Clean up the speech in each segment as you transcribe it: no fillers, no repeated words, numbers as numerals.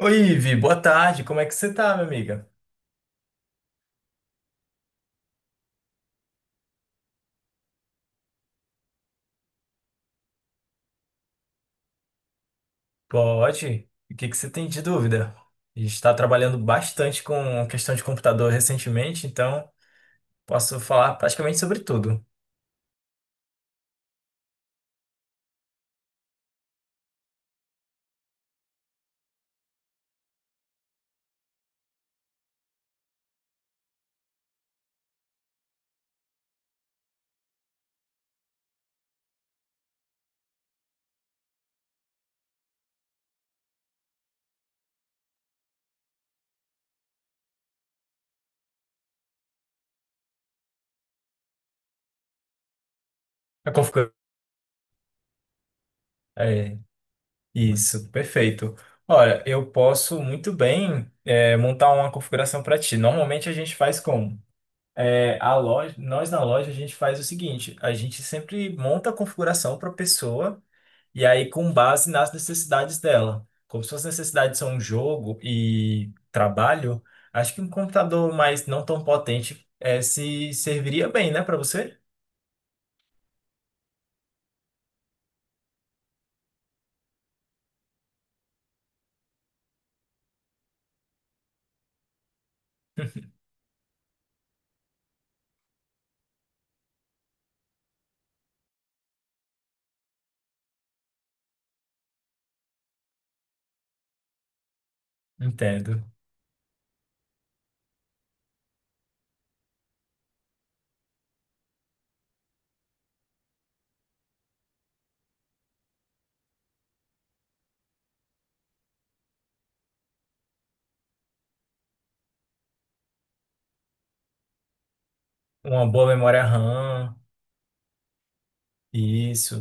Oi, Ivi, boa tarde. Como é que você tá, minha amiga? Pode? O que que você tem de dúvida? A gente está trabalhando bastante com questão de computador recentemente, então posso falar praticamente sobre tudo. A configura- É, isso, perfeito. Olha, eu posso muito bem montar uma configuração para ti. Normalmente a gente faz como? Nós na loja a gente faz o seguinte: a gente sempre monta a configuração para a pessoa. E aí, com base nas necessidades dela. Como suas necessidades são jogo e trabalho, acho que um computador mais não tão potente se serviria bem, né, para você? Entendo. Uma boa memória RAM, isso.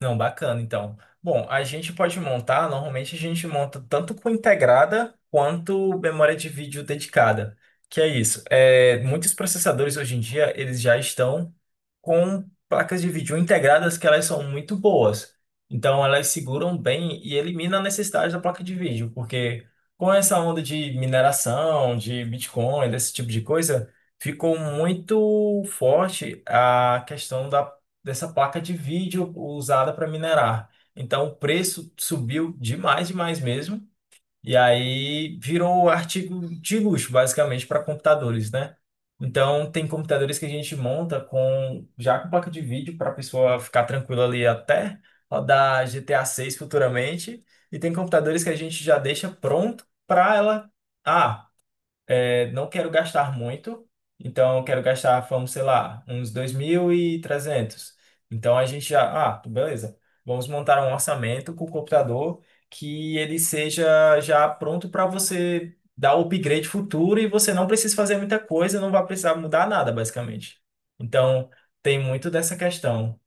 Não, bacana, então. Bom, a gente pode montar, normalmente a gente monta tanto com integrada quanto memória de vídeo dedicada. Que é isso. Muitos processadores hoje em dia, eles já estão com placas de vídeo integradas que elas são muito boas. Então elas seguram bem e elimina a necessidade da placa de vídeo, porque com essa onda de mineração, de Bitcoin, desse tipo de coisa, ficou muito forte a questão da dessa placa de vídeo usada para minerar. Então o preço subiu demais, demais mesmo. E aí virou artigo de luxo, basicamente, para computadores, né? Então tem computadores que a gente monta com já com placa de vídeo para a pessoa ficar tranquila ali até rodar GTA 6 futuramente. E tem computadores que a gente já deixa pronto para ela. Ah, não quero gastar muito, então eu quero gastar, vamos, sei lá, uns 2.300. Então a gente já, ah, beleza, vamos montar um orçamento com o computador que ele seja já pronto para você dar o upgrade futuro e você não precisa fazer muita coisa, não vai precisar mudar nada, basicamente. Então tem muito dessa questão.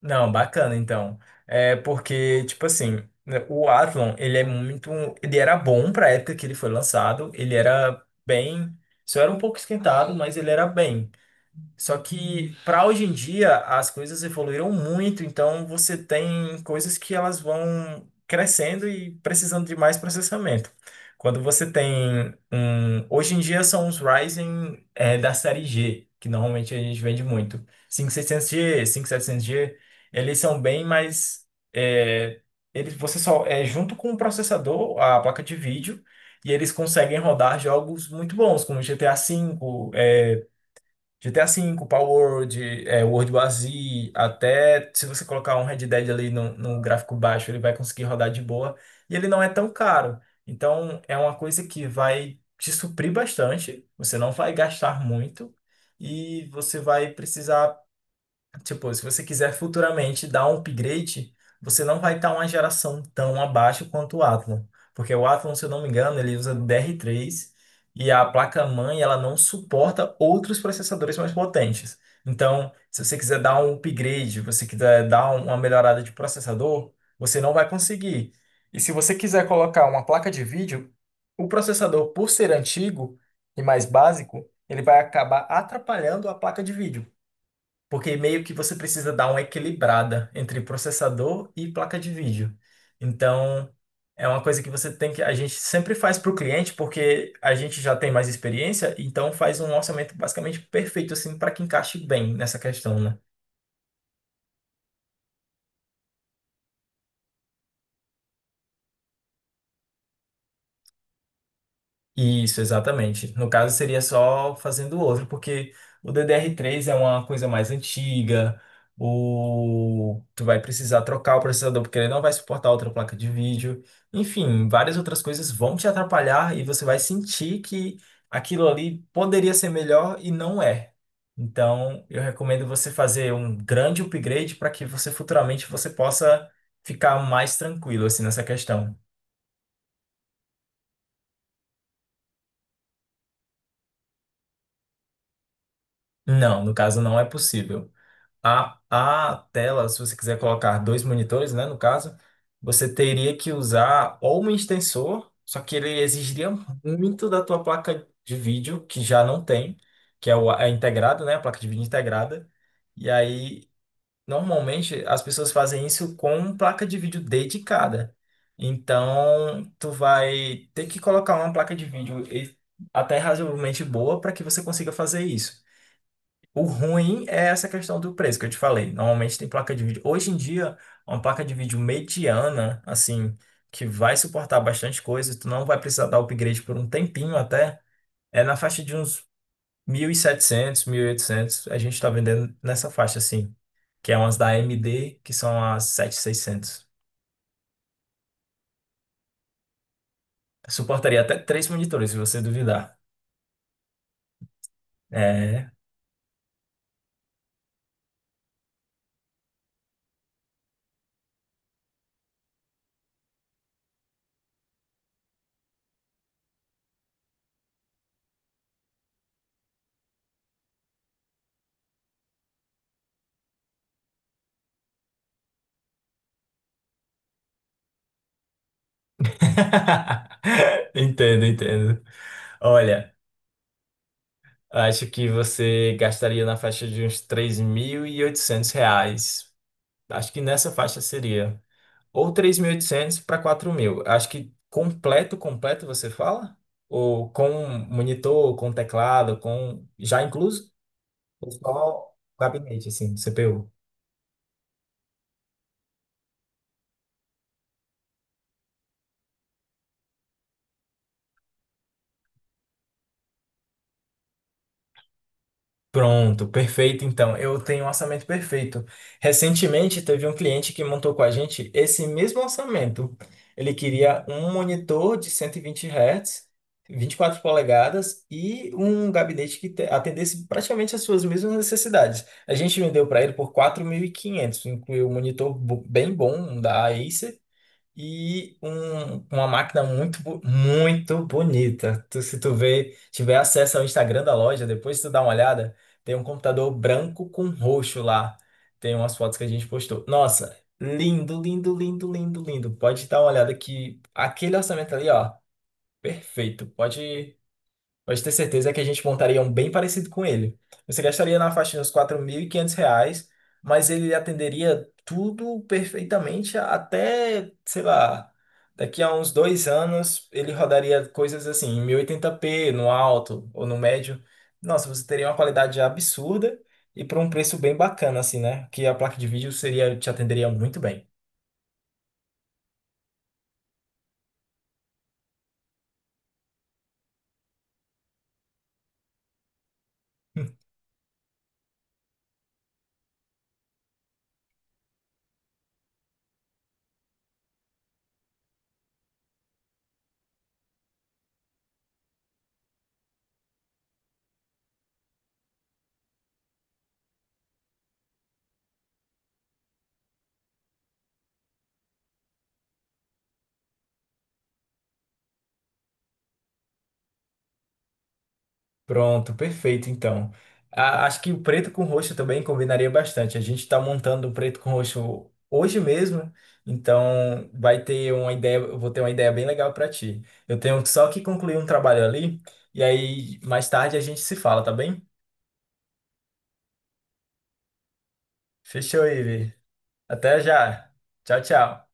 Não, bacana então. É porque, tipo assim, né, o Athlon, ele é muito. Ele era bom pra época que ele foi lançado. Ele era bem. Só era um pouco esquentado, mas ele era bem. Só que para hoje em dia as coisas evoluíram muito, então você tem coisas que elas vão crescendo e precisando de mais processamento. Quando você tem um, hoje em dia são os Ryzen da série G, que normalmente a gente vende muito. 5600G, 5700G, eles são bem mais eh, eles você só é junto com o processador, a placa de vídeo, e eles conseguem rodar jogos muito bons, como GTA V, Power World, World War Z, até se você colocar um Red Dead ali no gráfico baixo, ele vai conseguir rodar de boa. E ele não é tão caro. Então, é uma coisa que vai te suprir bastante. Você não vai gastar muito. E você vai precisar. Tipo, se você quiser futuramente dar um upgrade, você não vai estar uma geração tão abaixo quanto o Athlon. Porque o Athlon, se eu não me engano, ele usa DR3 e a placa-mãe ela não suporta outros processadores mais potentes. Então, se você quiser dar um upgrade, você quiser dar uma melhorada de processador, você não vai conseguir. E se você quiser colocar uma placa de vídeo, o processador, por ser antigo e mais básico, ele vai acabar atrapalhando a placa de vídeo. Porque meio que você precisa dar uma equilibrada entre processador e placa de vídeo. Então, é uma coisa que você tem que. A gente sempre faz para o cliente, porque a gente já tem mais experiência, então faz um orçamento basicamente perfeito, assim, para que encaixe bem nessa questão, né? Isso, exatamente. No caso, seria só fazendo outro, porque o ddr três é uma coisa mais antiga, tu vai precisar trocar o processador, porque ele não vai suportar outra placa de vídeo. Enfim, várias outras coisas vão te atrapalhar e você vai sentir que aquilo ali poderia ser melhor e não é. Então, eu recomendo você fazer um grande upgrade para que você futuramente você possa ficar mais tranquilo assim nessa questão. Não, no caso não é possível. A tela, se você quiser colocar dois monitores, né, no caso, você teria que usar ou um extensor, só que ele exigiria muito da tua placa de vídeo, que já não tem, que é, o, é integrado, né, a placa de vídeo integrada. E aí, normalmente, as pessoas fazem isso com placa de vídeo dedicada. Então, tu vai ter que colocar uma placa de vídeo até razoavelmente boa para que você consiga fazer isso. O ruim é essa questão do preço que eu te falei. Normalmente tem placa de vídeo. Hoje em dia, uma placa de vídeo mediana, assim, que vai suportar bastante coisa, tu não vai precisar dar upgrade por um tempinho até, é na faixa de uns mil, 1.700, 1.800. A gente tá vendendo nessa faixa, assim, que é umas da AMD, que são as 7600. Suportaria até três monitores, se você duvidar. É. Entendo, entendo. Olha, acho que você gastaria na faixa de uns R$ 3.800. Acho que nessa faixa seria. Ou 3.800 para 4.000. Acho que completo, completo você fala? Ou com monitor, com teclado, com... Já incluso? Ou só gabinete, assim, CPU? Pronto, perfeito. Então, eu tenho um orçamento perfeito. Recentemente, teve um cliente que montou com a gente esse mesmo orçamento. Ele queria um monitor de 120 Hz, 24 polegadas e um gabinete que atendesse praticamente as suas mesmas necessidades. A gente vendeu para ele por 4.500, incluiu um monitor bem bom, um da Acer, e uma máquina muito, muito bonita. Se tiver acesso ao Instagram da loja, depois tu dá uma olhada, tem um computador branco com roxo lá. Tem umas fotos que a gente postou. Nossa, lindo, lindo, lindo, lindo, lindo. Pode dar uma olhada que aquele orçamento ali, ó, perfeito. Pode. Pode ter certeza que a gente montaria um bem parecido com ele. Você gastaria na faixa de uns R$ 4.500, mas ele atenderia tudo perfeitamente até, sei lá, daqui a uns 2 anos ele rodaria coisas assim, em 1080p no alto ou no médio. Nossa, você teria uma qualidade absurda e por um preço bem bacana, assim, né? Que a placa de vídeo seria, te atenderia muito bem. Pronto, perfeito, então. Acho que o preto com roxo também combinaria bastante. A gente está montando o preto com roxo hoje mesmo, então vai ter uma ideia, eu vou ter uma ideia bem legal para ti. Eu tenho só que concluir um trabalho ali, e aí mais tarde a gente se fala, tá bem? Fechou, Ivi. Até já. Tchau, tchau.